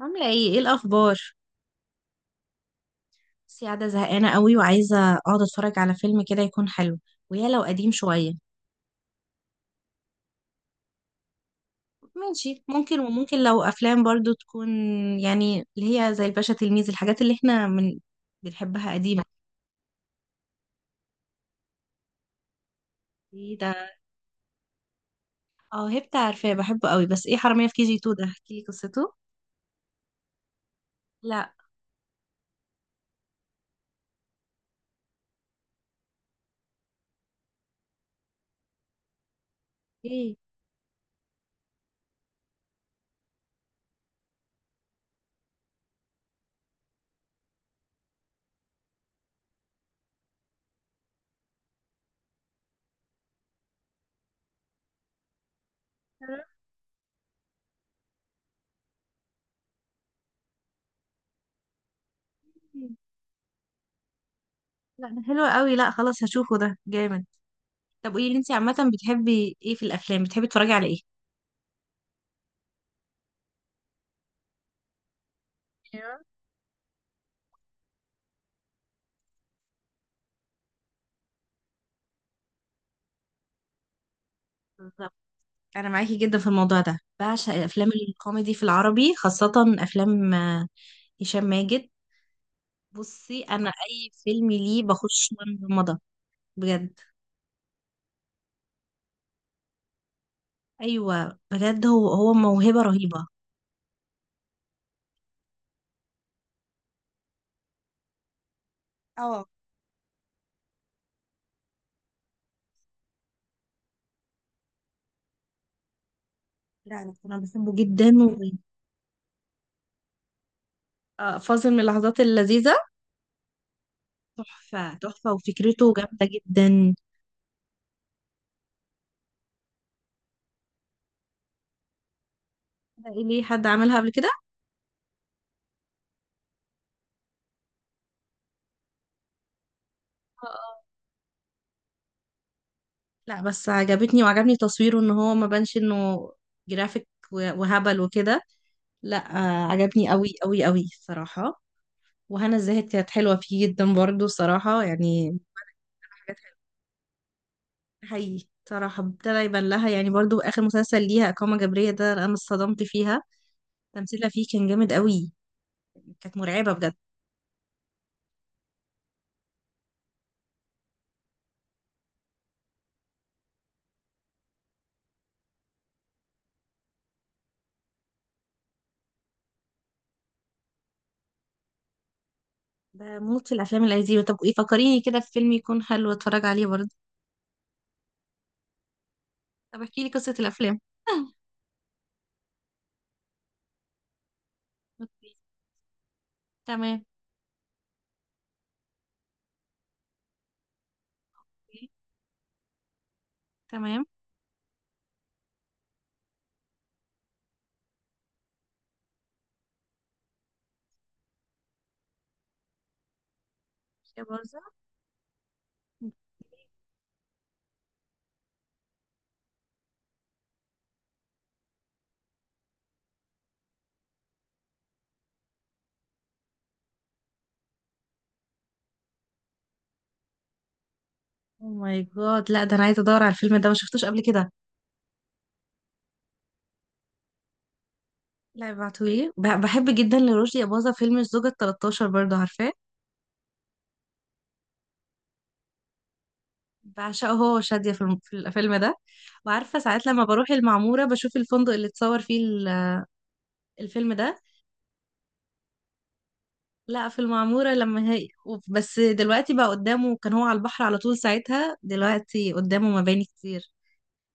عاملة ايه الأخبار؟ بس قاعدة زهقانة قوي وعايزة اقعد اتفرج على فيلم كده يكون حلو، ويا لو قديم شوية. ماشي ممكن، وممكن لو أفلام برضو تكون يعني اللي هي زي الباشا تلميذ، الحاجات اللي احنا من بنحبها قديمة. ايه ده؟ اه، هبت عارفاه بحبه قوي، بس ايه حرامية في كي جي 2 ده؟ احكي لي قصته. لا، ايه حرامية. لا ده حلو قوي، لا خلاص هشوفه، ده جامد. طب قولي لي انتي عامة بتحبي ايه في الأفلام، بتحبي تتفرجي على ايه؟ ايوه. بالظبط. انا معاكي جدا في الموضوع ده، بعشق الافلام الكوميدي في العربي خاصه. افلام هشام ماجد. بصي انا اي فيلم ليه بخش مغمضه بجد. ايوه بجد، هو موهبه رهيبه. اه. لا، أنا بحبه جدا. فاصل من اللحظات اللذيذه. تحفه تحفه وفكرته جامده جدا. ده إيه، ليه حد عملها قبل كده؟ آه، آه. لا بس عجبتني، وعجبني تصويره ان هو ما بانش انه جرافيك وهبل وكده. لا عجبني قوي قوي قوي الصراحة. وهنا الزاهد كانت حلوة فيه جدا برضو الصراحة يعني. حاجات حلوة. حقيقي صراحة ابتدى يبان لها، يعني برضو آخر مسلسل ليها إقامة جبرية ده أنا اتصدمت فيها. تمثيلها فيه كان جامد قوي. كانت مرعبة بجد. بموت في الأفلام القديمة. طب إيه، فكريني كده في فيلم يكون حلو أتفرج عليه برضو. طب احكي لي قصة الأفلام. أوكي. تمام. أوكي، تمام. يا برزة. اوه ماي جاد، لا ده أنا عايزة أدور على الفيلم ده، ما شفتوش قبل كده. لا ابعتولي، بحب جدا لرشدي أباظة فيلم الزوجة التلتاشر، برضه عارفاه. بعشقه هو وشادية في الفيلم ده. وعارفة ساعات لما بروح المعمورة بشوف الفندق اللي اتصور فيه الفيلم ده. لا، في المعمورة بس دلوقتي بقى قدامه، كان هو على البحر على طول ساعتها. دلوقتي قدامه مباني كتير.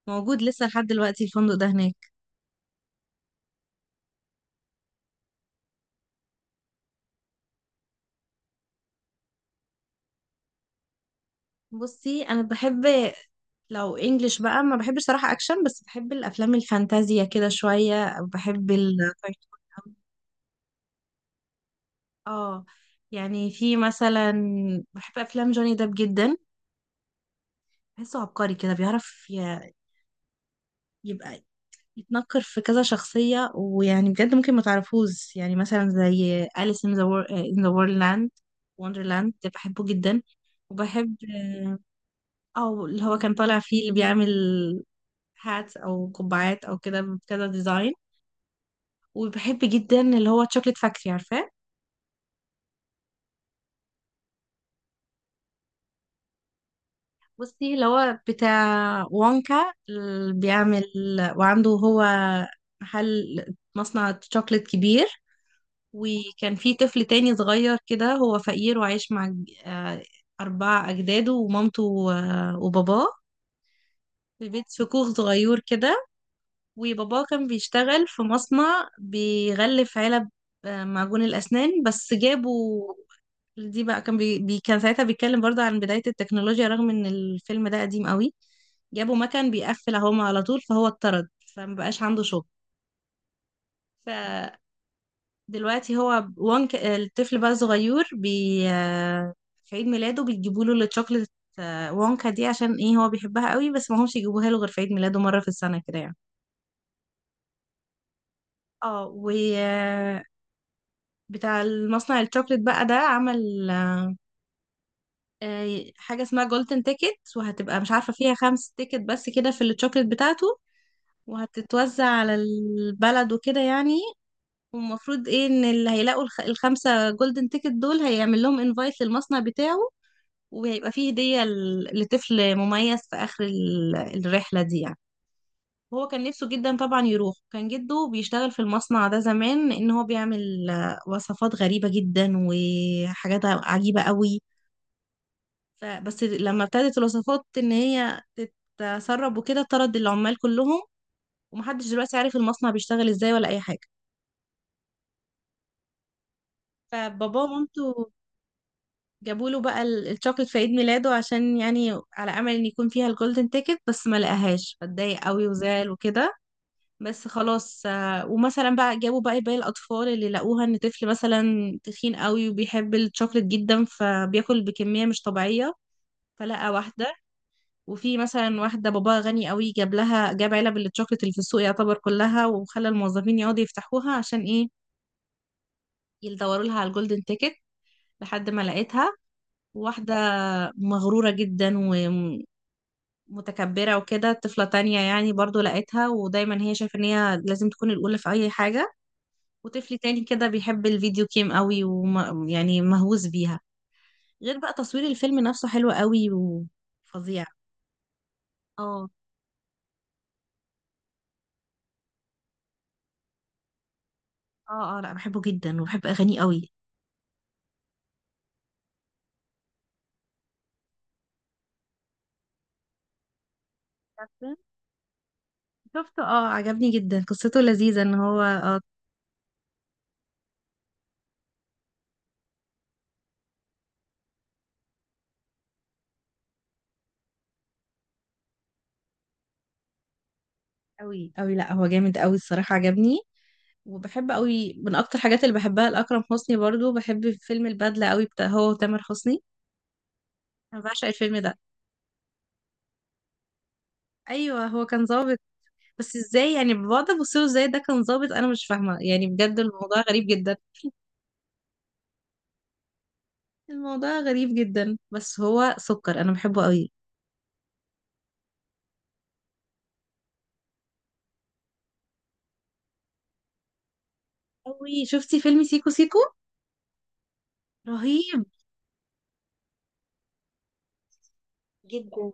موجود لسه لحد دلوقتي الفندق ده هناك. بصي أنا بحب، لو انجلش بقى ما بحبش صراحة أكشن، بس بحب الأفلام الفانتازيا كده شوية، بحب الكرتون. اه. يعني في مثلا، بحب افلام جوني ديب جدا. بحسه عبقري كده، بيعرف يبقى يتنكر في كذا شخصية، ويعني بجد ممكن ما تعرفوش، يعني مثلا زي أليس in the Wonderland ده بحبه جدا. وبحب او اللي هو كان طالع فيه اللي بيعمل هاتس او قبعات او كده بكذا ديزاين. وبحب جدا اللي هو تشوكلت فاكتري، عارفاه؟ بصي اللي هو بتاع وونكا اللي بيعمل. وعنده هو محل مصنع شوكليت كبير. وكان في طفل تاني صغير كده، هو فقير وعايش مع آه، أربعة أجداده ومامته و- وباباه. في كوخ صغير كده. وباباه كان بيشتغل في مصنع بيغلف علب معجون الأسنان، بس جابوا. دي بقى كان ساعتها بيتكلم برضه عن بداية التكنولوجيا رغم ان الفيلم ده قديم قوي. جابوا مكان بيقفل اهو على طول، فهو اتطرد فمبقاش عنده شغل. فدلوقتي هو الطفل بقى صغير، بي... آه، في عيد ميلاده بيجيبوا له الشوكليت وونكا دي، عشان ايه هو بيحبها قوي، بس ما همش يجيبوها له غير في عيد ميلاده مرة في السنة كده يعني. اه و آه، بتاع المصنع الشوكليت بقى ده عمل حاجة اسمها جولدن تيكت، وهتبقى مش عارفة فيها خمس تيكت بس كده في الشوكليت بتاعته. وهتتوزع على البلد وكده يعني. والمفروض ايه ان اللي هيلاقوا الخمسة جولدن تيكت دول هيعمل لهم انفايت للمصنع بتاعه. وهيبقى فيه هدية لطفل مميز في آخر الرحلة دي يعني. هو كان نفسه جدا طبعا يروح، كان جده بيشتغل في المصنع ده زمان، ان هو بيعمل وصفات غريبة جدا وحاجات عجيبة قوي. فبس لما ابتدت الوصفات ان هي تتسرب وكده، طرد العمال كلهم. ومحدش دلوقتي عارف المصنع بيشتغل ازاي ولا اي حاجه. فبابا ومامته جابوا له بقى الشوكليت في عيد ميلاده، عشان يعني على امل ان يكون فيها الجولدن تيكت، بس ما لقاهاش فاتضايق قوي وزعل وكده. بس خلاص. ومثلا بقى جابوا بقى باقي الاطفال اللي لقوها، ان طفل مثلا تخين قوي وبيحب الشوكليت جدا فبياكل بكميه مش طبيعيه، فلقى واحده. وفي مثلا واحدة باباها غني قوي، جاب علب الشوكليت اللي في السوق يعتبر كلها، وخلى الموظفين يقعدوا يفتحوها عشان ايه، يدوروا لها على الجولدن تيكت لحد ما لقيتها. واحدة مغرورة جدا ومتكبرة وكده. طفلة تانية يعني برضو لقيتها، ودايما هي شايفة ان هي لازم تكون الأولى في أي حاجة. وطفل تاني كده بيحب الفيديو جيم قوي ويعني مهووس بيها. غير بقى تصوير الفيلم نفسه حلو قوي وفظيع. اه، اه، اه. لا بحبه جدا وبحب أغانيه قوي. شفته، اه، عجبني جدا قصته لذيذة ان هو، اه، قوي قوي. لا هو جامد قوي الصراحة عجبني. وبحب قوي، من اكتر الحاجات اللي بحبها لأكرم حسني برضو بحب فيلم البدلة قوي، بتاع هو وتامر حسني. انا بعشق الفيلم ده. ايوه، هو كان ظابط. بس ازاي يعني بقعد ابص له ازاي ده كان ظابط، انا مش فاهمة يعني بجد الموضوع غريب جدا. الموضوع غريب جدا، بس هو سكر، انا بحبه قوي. قوي. شفتي فيلم سيكو سيكو؟ رهيب جدا.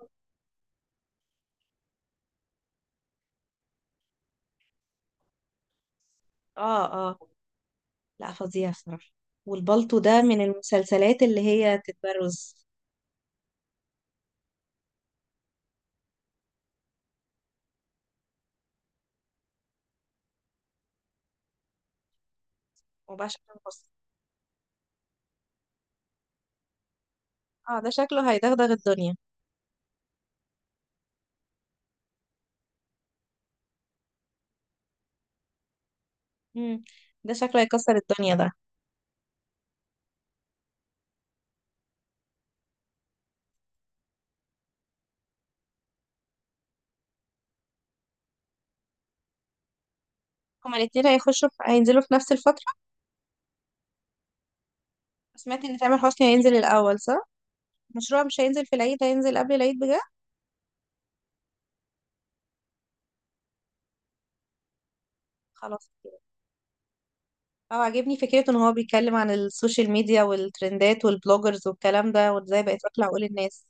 اه لا فظيع صراحة. والبلطو ده من المسلسلات اللي هي تتبرز. وبقى شكله مصر. اه ده شكله هيدغدغ الدنيا. امم ده شكله هيكسر الدنيا ده. هما الاتنين هينزلوا في نفس الفترة. سمعت ان تامر حسني هينزل الأول صح؟ مشروع مش هينزل في العيد، هينزل قبل العيد بجد؟ خلاص كده. اه عاجبني فكرته ان هو بيتكلم عن السوشيال ميديا والترندات والبلوجرز والكلام ده وازاي بقت واكلة عقول الناس.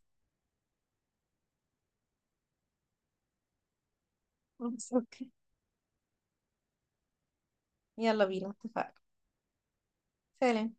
بس اوكي. يلا بينا اتفقنا. سلام.